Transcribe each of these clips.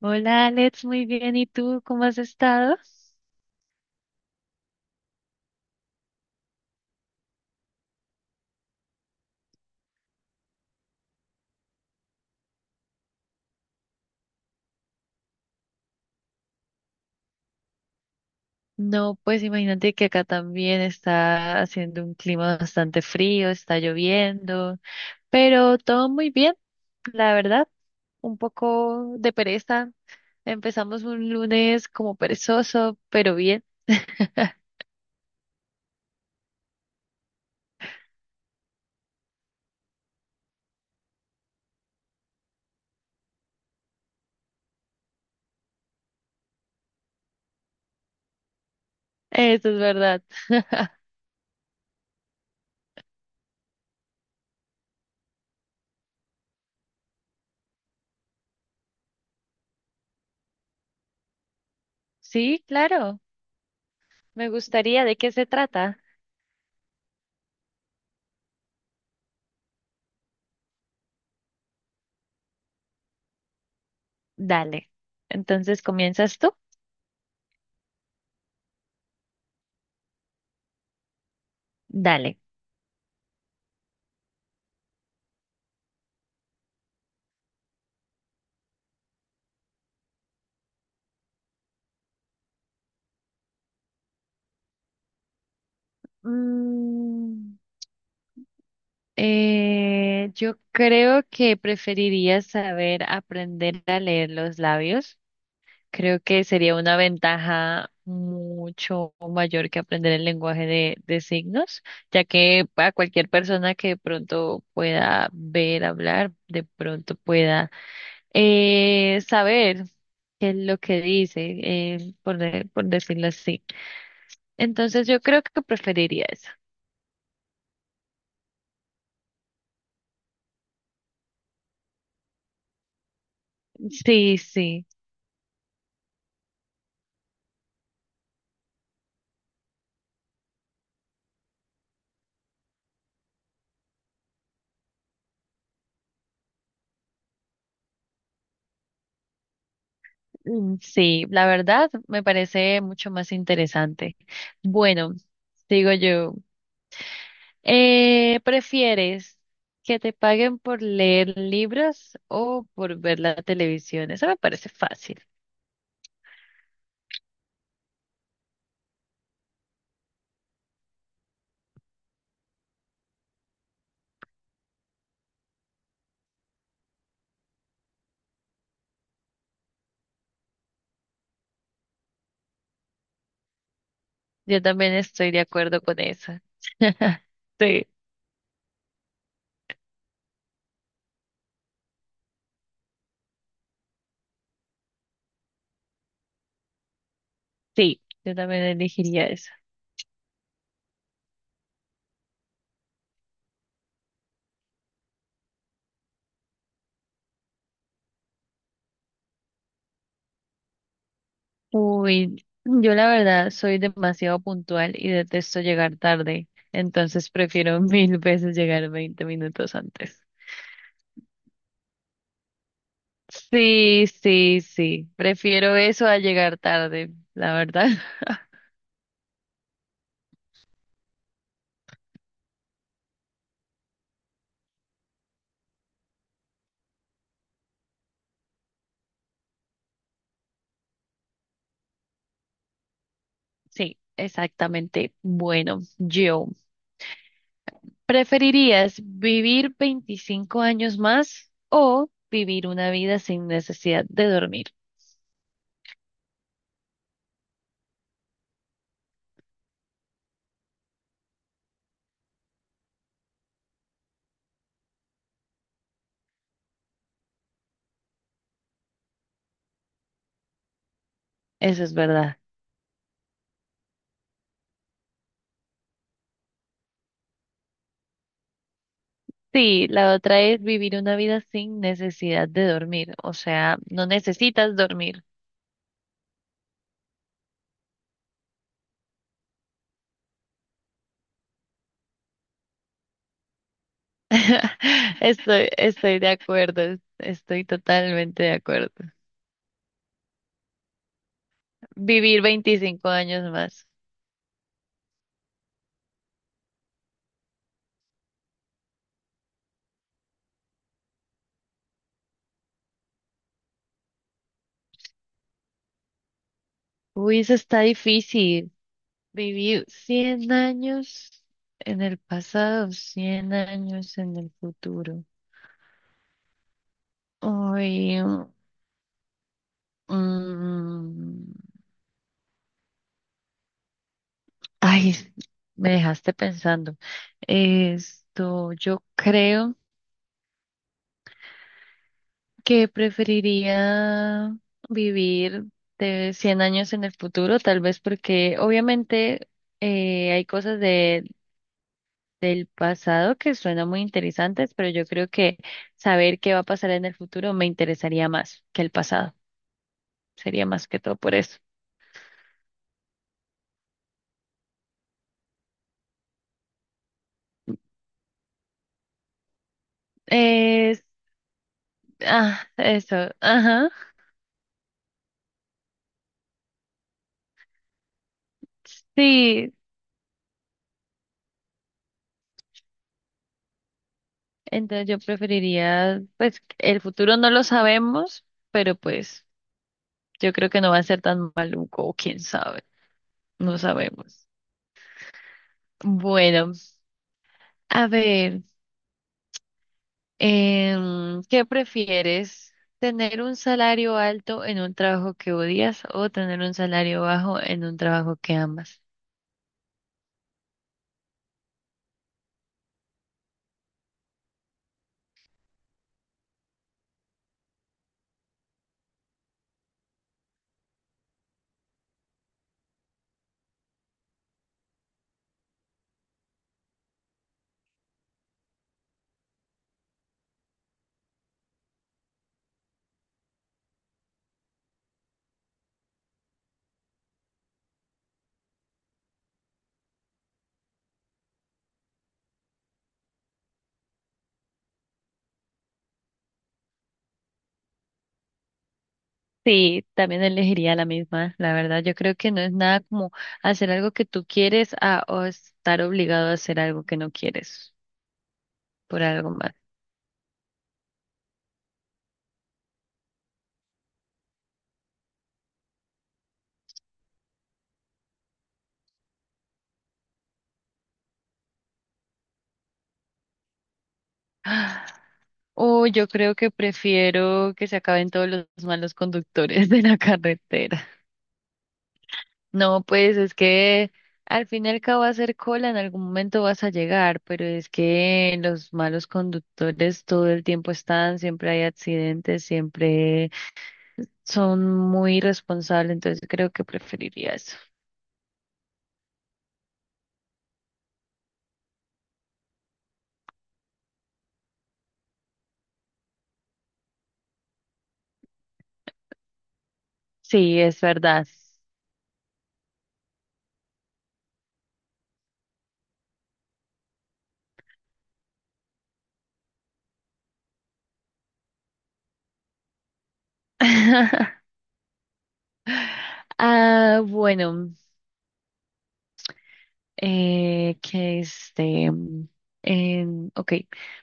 Hola Alex, muy bien. ¿Y tú cómo has estado? No, pues imagínate que acá también está haciendo un clima bastante frío, está lloviendo, pero todo muy bien, la verdad. Un poco de pereza. Empezamos un lunes como perezoso, pero bien. Eso es verdad. Sí, claro. Me gustaría. ¿De qué se trata? Dale. Entonces, ¿comienzas tú? Dale. Mm. Yo creo que preferiría saber aprender a leer los labios. Creo que sería una ventaja mucho mayor que aprender el lenguaje de signos, ya que a cualquier persona que de pronto pueda ver, hablar, de pronto pueda saber qué es lo que dice, por, por decirlo así. Entonces yo creo que preferiría eso. Sí, sí. Mm, sí, la verdad me parece mucho más interesante. Bueno, digo yo, ¿prefieres que te paguen por leer libros o por ver la televisión? Eso me parece fácil. Yo también estoy de acuerdo con eso. Sí, sí, yo también elegiría eso. Uy, yo la verdad soy demasiado puntual y detesto llegar tarde, entonces prefiero mil veces llegar 20 minutos antes. Sí, sí, sí. Prefiero eso a llegar tarde, la verdad. Sí, exactamente. Bueno, yo, ¿preferirías vivir 25 años más o vivir una vida sin necesidad de dormir? Eso es verdad. Sí, la otra es vivir una vida sin necesidad de dormir. O sea, no necesitas dormir. Estoy de acuerdo, estoy totalmente de acuerdo. Vivir 25 años más. Uy, eso está difícil. Vivir 100 años en el pasado, 100 años en el futuro. Uy, mm, ay, me dejaste pensando. Esto, yo creo. Que preferiría vivir de 100 años en el futuro, tal vez porque obviamente hay cosas de, del pasado que suenan muy interesantes, pero yo creo que saber qué va a pasar en el futuro me interesaría más que el pasado. Sería más que todo por eso. Es- ah, eso, ajá. Sí, entonces yo preferiría, pues el futuro no lo sabemos, pero pues yo creo que no va a ser tan maluco, quién sabe. No sabemos. Bueno, a ver, ¿qué prefieres? ¿Tener un salario alto en un trabajo que odias o tener un salario bajo en un trabajo que amas? Sí, también elegiría la misma, la verdad. Yo creo que no es nada como hacer algo que tú quieres a, o estar obligado a hacer algo que no quieres por algo más. O yo creo que prefiero que se acaben todos los malos conductores de la carretera. No, pues es que al fin y al cabo hacer cola en algún momento vas a llegar, pero es que los malos conductores todo el tiempo están, siempre hay accidentes, siempre son muy irresponsables, entonces creo que preferiría eso. Sí, es verdad. Ah, bueno, eh, que este, ok,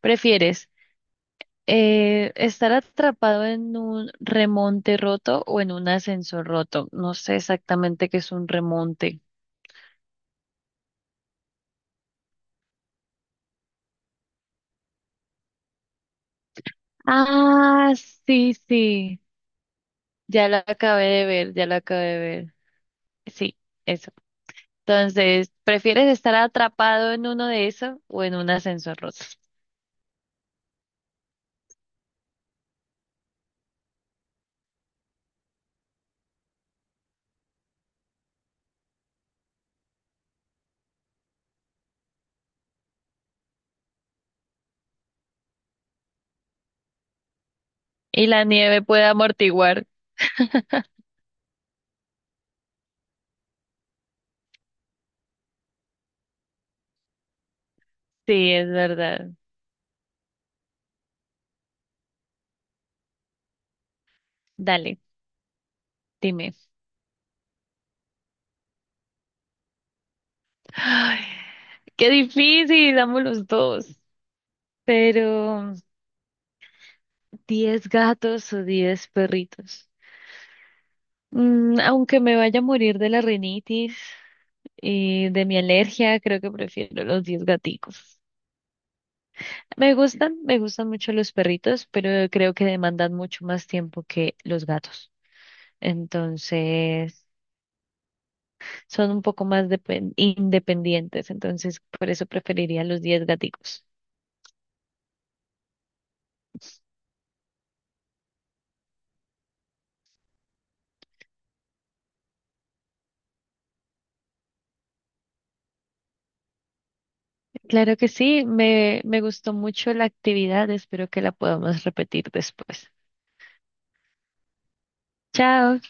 ¿prefieres? Estar atrapado en un remonte roto o en un ascensor roto. No sé exactamente qué es un remonte. Ah, sí, sí. Ya lo acabé de ver, ya lo acabé de ver. Sí, eso. Entonces, ¿prefieres estar atrapado en uno de esos o en un ascensor roto? Y la nieve puede amortiguar. Sí, es verdad. Dale, dime. Ay, qué difícil, amo los dos. Pero. 10 gatos o 10 perritos. Mm, aunque me vaya a morir de la rinitis y de mi alergia, creo que prefiero los 10 gaticos. Me gustan mucho los perritos, pero creo que demandan mucho más tiempo que los gatos. Entonces, son un poco más independientes, entonces por eso preferiría los 10 gaticos. Claro que sí, me gustó mucho la actividad, espero que la podamos repetir después. Chao.